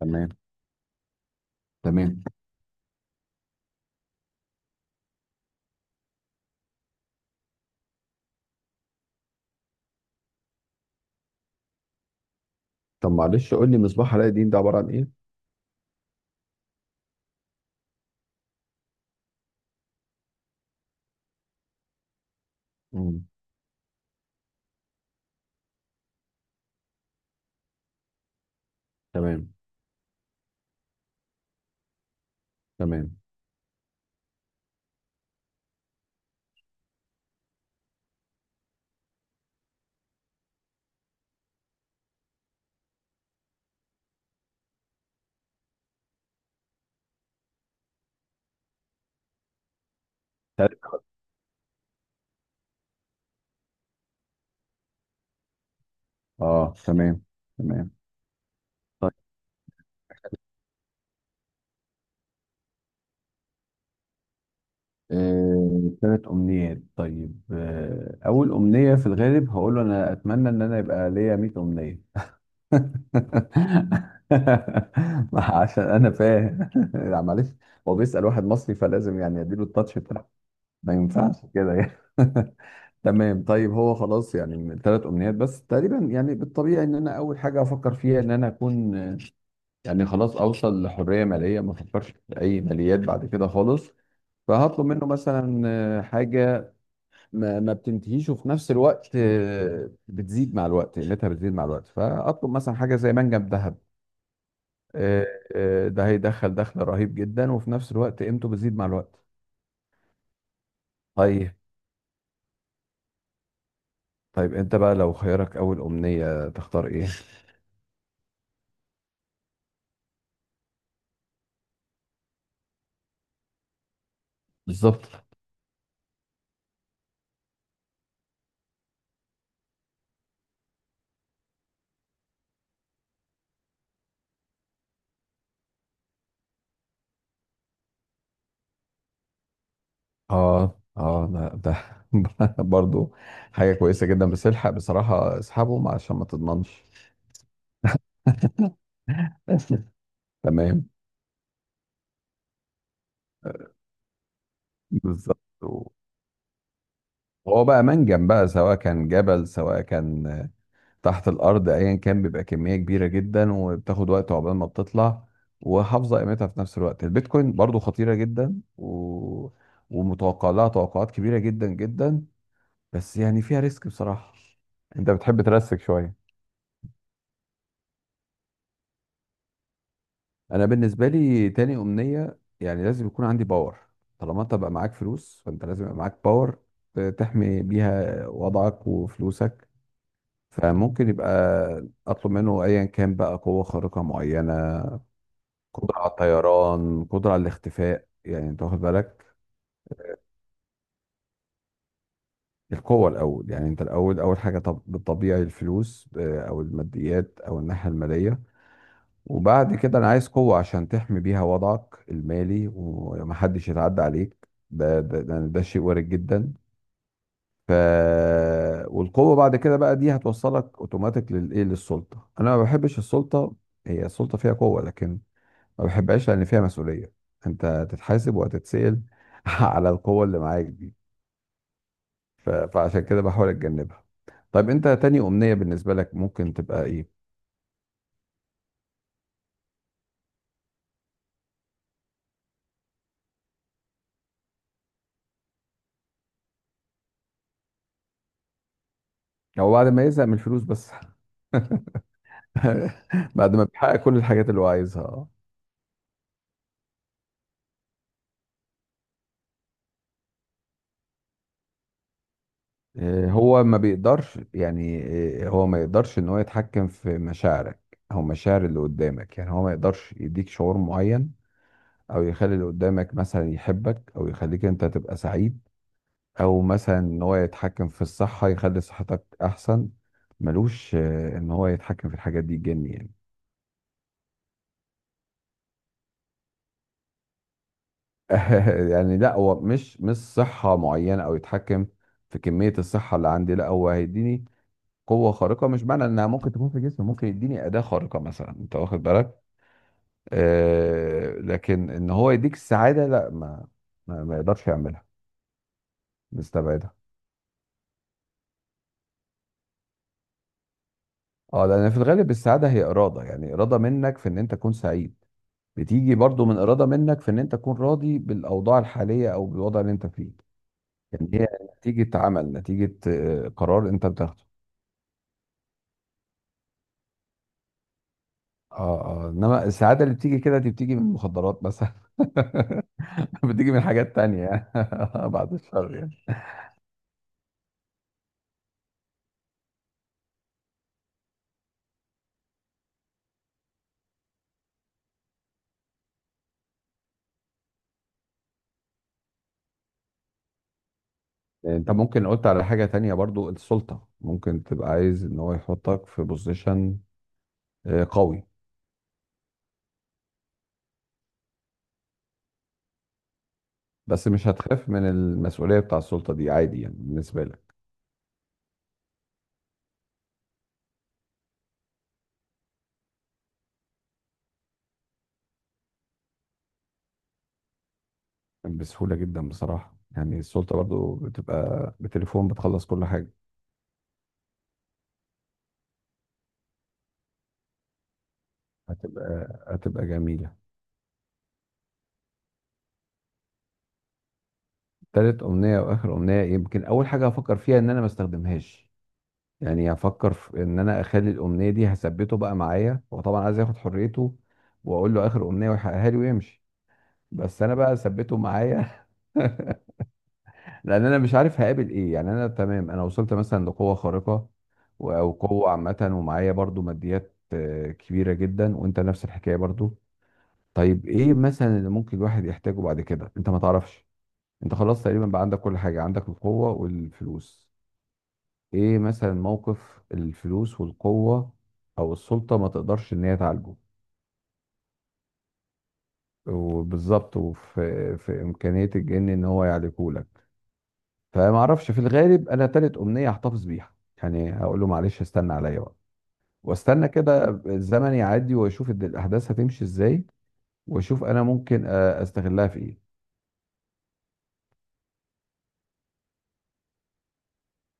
تمام. تمام. طب معلش قول لي مصباح علاء الدين ده عباره عن ايه؟ مم. تمام. تمام. تلات. اه تمام. تمام. طيب ثلاث أمنيات. طيب، أول أمنية في الغالب هقول له أنا أتمنى إن أنا يبقى ليا 100 أمنية. عشان أنا فاهم لا معلش، هو بيسأل واحد مصري فلازم يعني أديله التاتش بتاعه، ما ينفعش كده يعني. تمام، طيب هو خلاص يعني من ثلاث امنيات بس تقريبا، يعني بالطبيعي ان انا اول حاجه افكر فيها ان انا اكون، يعني خلاص اوصل لحريه ماليه، ما افكرش في اي ماليات بعد كده خالص. فهطلب منه مثلا، حاجه ما بتنتهيش، وفي نفس الوقت بتزيد مع الوقت، قيمتها بتزيد مع الوقت. فاطلب مثلا حاجه زي منجم ذهب. آه، ده هيدخل دخل رهيب جدا، وفي نفس الوقت قيمته بتزيد مع الوقت. طيب. طيب انت بقى لو خيارك اول امنيه تختار ايه؟ بالظبط. اه اه ده. برضو حاجة كويسة جدا، بس الحق بصراحة اسحبهم عشان ما تضمنش. تمام. بالظبط. هو بقى منجم بقى، سواء كان جبل سواء كان تحت الأرض أيا كان، بيبقى كمية كبيرة جدا، وبتاخد وقت عقبال ما بتطلع، وحافظة قيمتها في نفس الوقت. البيتكوين برضو خطيرة جدا و... ومتوقع لها توقعات كبيرة جدا جدا، بس يعني فيها ريسك بصراحة. أنت بتحب ترسك شوية. انا بالنسبه لي تاني امنيه يعني لازم يكون عندي باور. طالما انت بقى معاك فلوس فانت لازم يبقى معاك باور، تحمي بيها وضعك وفلوسك. فممكن يبقى اطلب منه ايا كان بقى قوه خارقه معينه، قدره على الطيران، قدره على الاختفاء، يعني انت واخد بالك. القوه الاول، يعني انت الاول اول حاجه طب بالطبيعي الفلوس، او الماديات او الناحيه الماليه، وبعد كده انا عايز قوة عشان تحمي بيها وضعك المالي ومحدش يتعدى عليك، ده شيء وارد جدا. ف، والقوة بعد كده بقى دي هتوصلك اوتوماتيك للايه، للسلطة. انا ما بحبش السلطة، هي السلطة فيها قوة لكن ما بحبهاش لان فيها مسؤولية، انت تتحاسب وهتتسأل على القوة اللي معاك دي. فعشان كده بحاول اتجنبها. طيب انت تاني امنية بالنسبة لك ممكن تبقى ايه؟ او بعد ما يزهق من الفلوس بس. بعد ما بيحقق كل الحاجات اللي هو عايزها، هو ما بيقدرش يعني، هو ما يقدرش ان هو يتحكم في مشاعرك او مشاعر اللي قدامك، يعني هو ما يقدرش يديك شعور معين او يخلي اللي قدامك مثلا يحبك، او يخليك انت تبقى سعيد، او مثلا ان هو يتحكم في الصحة يخلي صحتك احسن. ملوش ان هو يتحكم في الحاجات دي جني يعني. يعني لا، هو مش مش صحة معينة او يتحكم في كمية الصحة اللي عندي، لا هو هيديني قوة خارقة، مش معنى انها ممكن تكون في جسم، ممكن يديني أداة خارقة مثلا، انت واخد بالك. آه، لكن ان هو يديك السعادة لا، ما يقدرش يعملها. نستبعدها. اه، لان في الغالب السعادة هي إرادة، يعني إرادة منك في ان انت تكون سعيد. بتيجي برضو من إرادة منك في ان انت تكون راضي بالأوضاع الحالية او بالوضع اللي انت فيه. يعني هي نتيجة عمل، نتيجة قرار انت بتاخده. اه اه، انما السعادة اللي بتيجي كده دي بتيجي من المخدرات مثلا. بتيجي من حاجات تانية. بعد الشر يعني. انت ممكن قلت على حاجة تانية برضو، السلطة، ممكن تبقى عايز ان هو يحطك في بوزيشن قوي. بس مش هتخاف من المسؤولية بتاع السلطة دي؟ عادي يعني بالنسبة لك؟ بسهولة جدا بصراحة، يعني السلطة برضو بتبقى بتليفون بتخلص كل حاجة. هتبقى هتبقى جميلة. تالت أمنية وآخر أمنية، يمكن أول حاجة هفكر فيها إن أنا ما استخدمهاش. يعني هفكر في إن أنا أخلي الأمنية دي هثبته بقى معايا. هو طبعا عايز ياخد حريته وأقول له آخر أمنية ويحققها لي ويمشي، بس أنا بقى ثبته معايا. لان انا مش عارف هقابل ايه. يعني انا تمام، انا وصلت مثلا لقوه خارقه او قوه عامه، ومعايا برضو ماديات كبيره جدا، وانت نفس الحكايه برضو. طيب ايه مثلا اللي ممكن الواحد يحتاجه بعد كده، انت ما تعرفش. انت خلاص تقريبا بقى عندك كل حاجه، عندك القوه والفلوس. ايه مثلا موقف الفلوس والقوه او السلطه ما تقدرش ان هي تعالجه؟ وبالظبط، وفي في امكانيه الجن ان هو يعالجه. فما اعرفش، في الغالب انا تالت امنيه هحتفظ بيها. يعني هقول له معلش استنى عليا بقى، واستنى كده الزمن يعدي، واشوف الاحداث هتمشي ازاي، واشوف انا ممكن استغلها في ايه.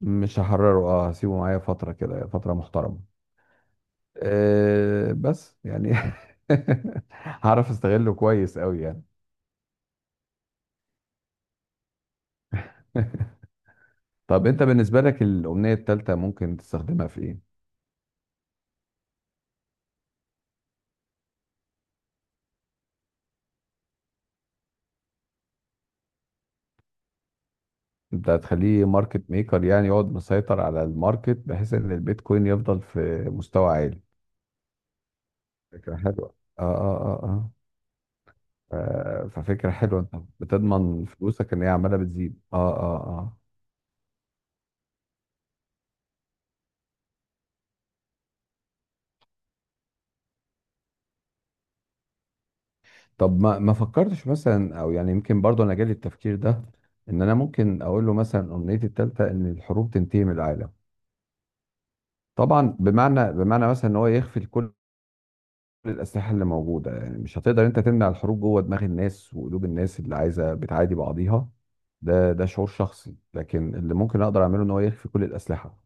مش هحرره، اه هسيبه معايا فتره كده، فتره محترمه. أه بس يعني هعرف استغله كويس قوي يعني. طب انت بالنسبه لك الامنيه الثالثه ممكن تستخدمها في ايه؟ انت هتخليه ماركت ميكر، يعني يقعد مسيطر على الماركت بحيث ان البيتكوين يفضل في مستوى عالي. فكرة حلوة، اه اه اه اه. ففكرة حلوة، انت بتضمن فلوسك ان هي عمالة بتزيد، اه اه اه. طب ما فكرتش مثلا، او يعني يمكن برضه انا جالي التفكير ده، ان انا ممكن اقول له مثلا امنيتي التالتة ان الحروب تنتهي من العالم. طبعا بمعنى، بمعنى مثلا ان هو يخفي كل الاسلحة اللي موجودة، يعني مش هتقدر انت تمنع الحروب جوه دماغ الناس وقلوب الناس اللي عايزة بتعادي بعضيها. ده شعور شخصي، لكن اللي ممكن اقدر اعمله ان هو يخفي كل الاسلحة.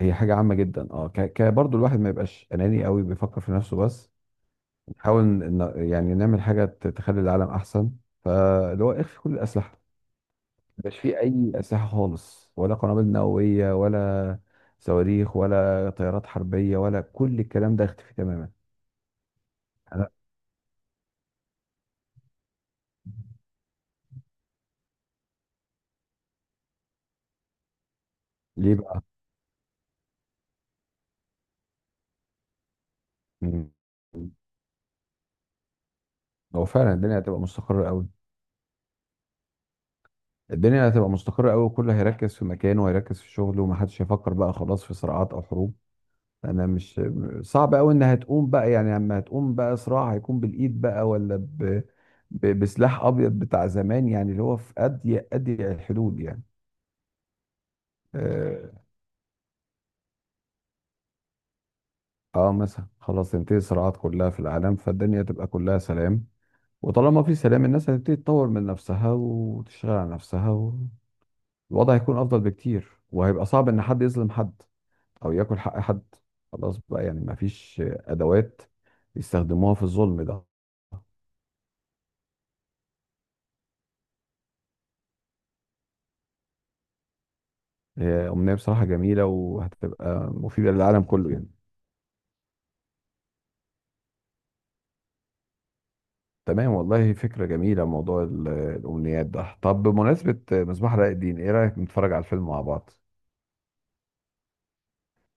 هي حاجة عامة جدا اه، ك... ك برضه الواحد ما يبقاش أناني قوي بيفكر في نفسه بس. نحاول يعني نعمل حاجة تخلي العالم أحسن. فاللي هو اخفي كل الأسلحة، مش في أي أسلحة خالص، ولا قنابل نووية، ولا صواريخ، ولا طيارات حربية، ولا كل الكلام ده، اختفي تماما. أنا... ليه بقى؟ مم. هو فعلا الدنيا هتبقى مستقرة قوي. الدنيا هتبقى مستقرة قوي، وكله هيركز في مكانه، وهيركز في شغله، ومحدش هيفكر بقى خلاص في صراعات أو حروب. انا مش، صعب قوي انها تقوم بقى، يعني لما هتقوم بقى صراع هيكون بالايد بقى، ولا بسلاح ابيض بتاع زمان، يعني اللي هو في اضيق اضيق الحدود يعني. اه. آه مثلا خلاص تنتهي الصراعات كلها في العالم، فالدنيا تبقى كلها سلام. وطالما في سلام، الناس هتبتدي تطور من نفسها وتشتغل على نفسها، والوضع هيكون افضل بكتير، وهيبقى صعب ان حد يظلم حد او ياكل حق حد. خلاص بقى يعني مفيش ادوات يستخدموها في الظلم ده. هي أمنية بصراحة جميلة، وهتبقى مفيدة للعالم كله يعني. تمام والله، فكرة جميلة موضوع الأمنيات ده. طب بمناسبة مصباح علاء الدين، إيه رأيك نتفرج على الفيلم مع بعض؟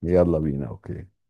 يلا بينا، أوكي.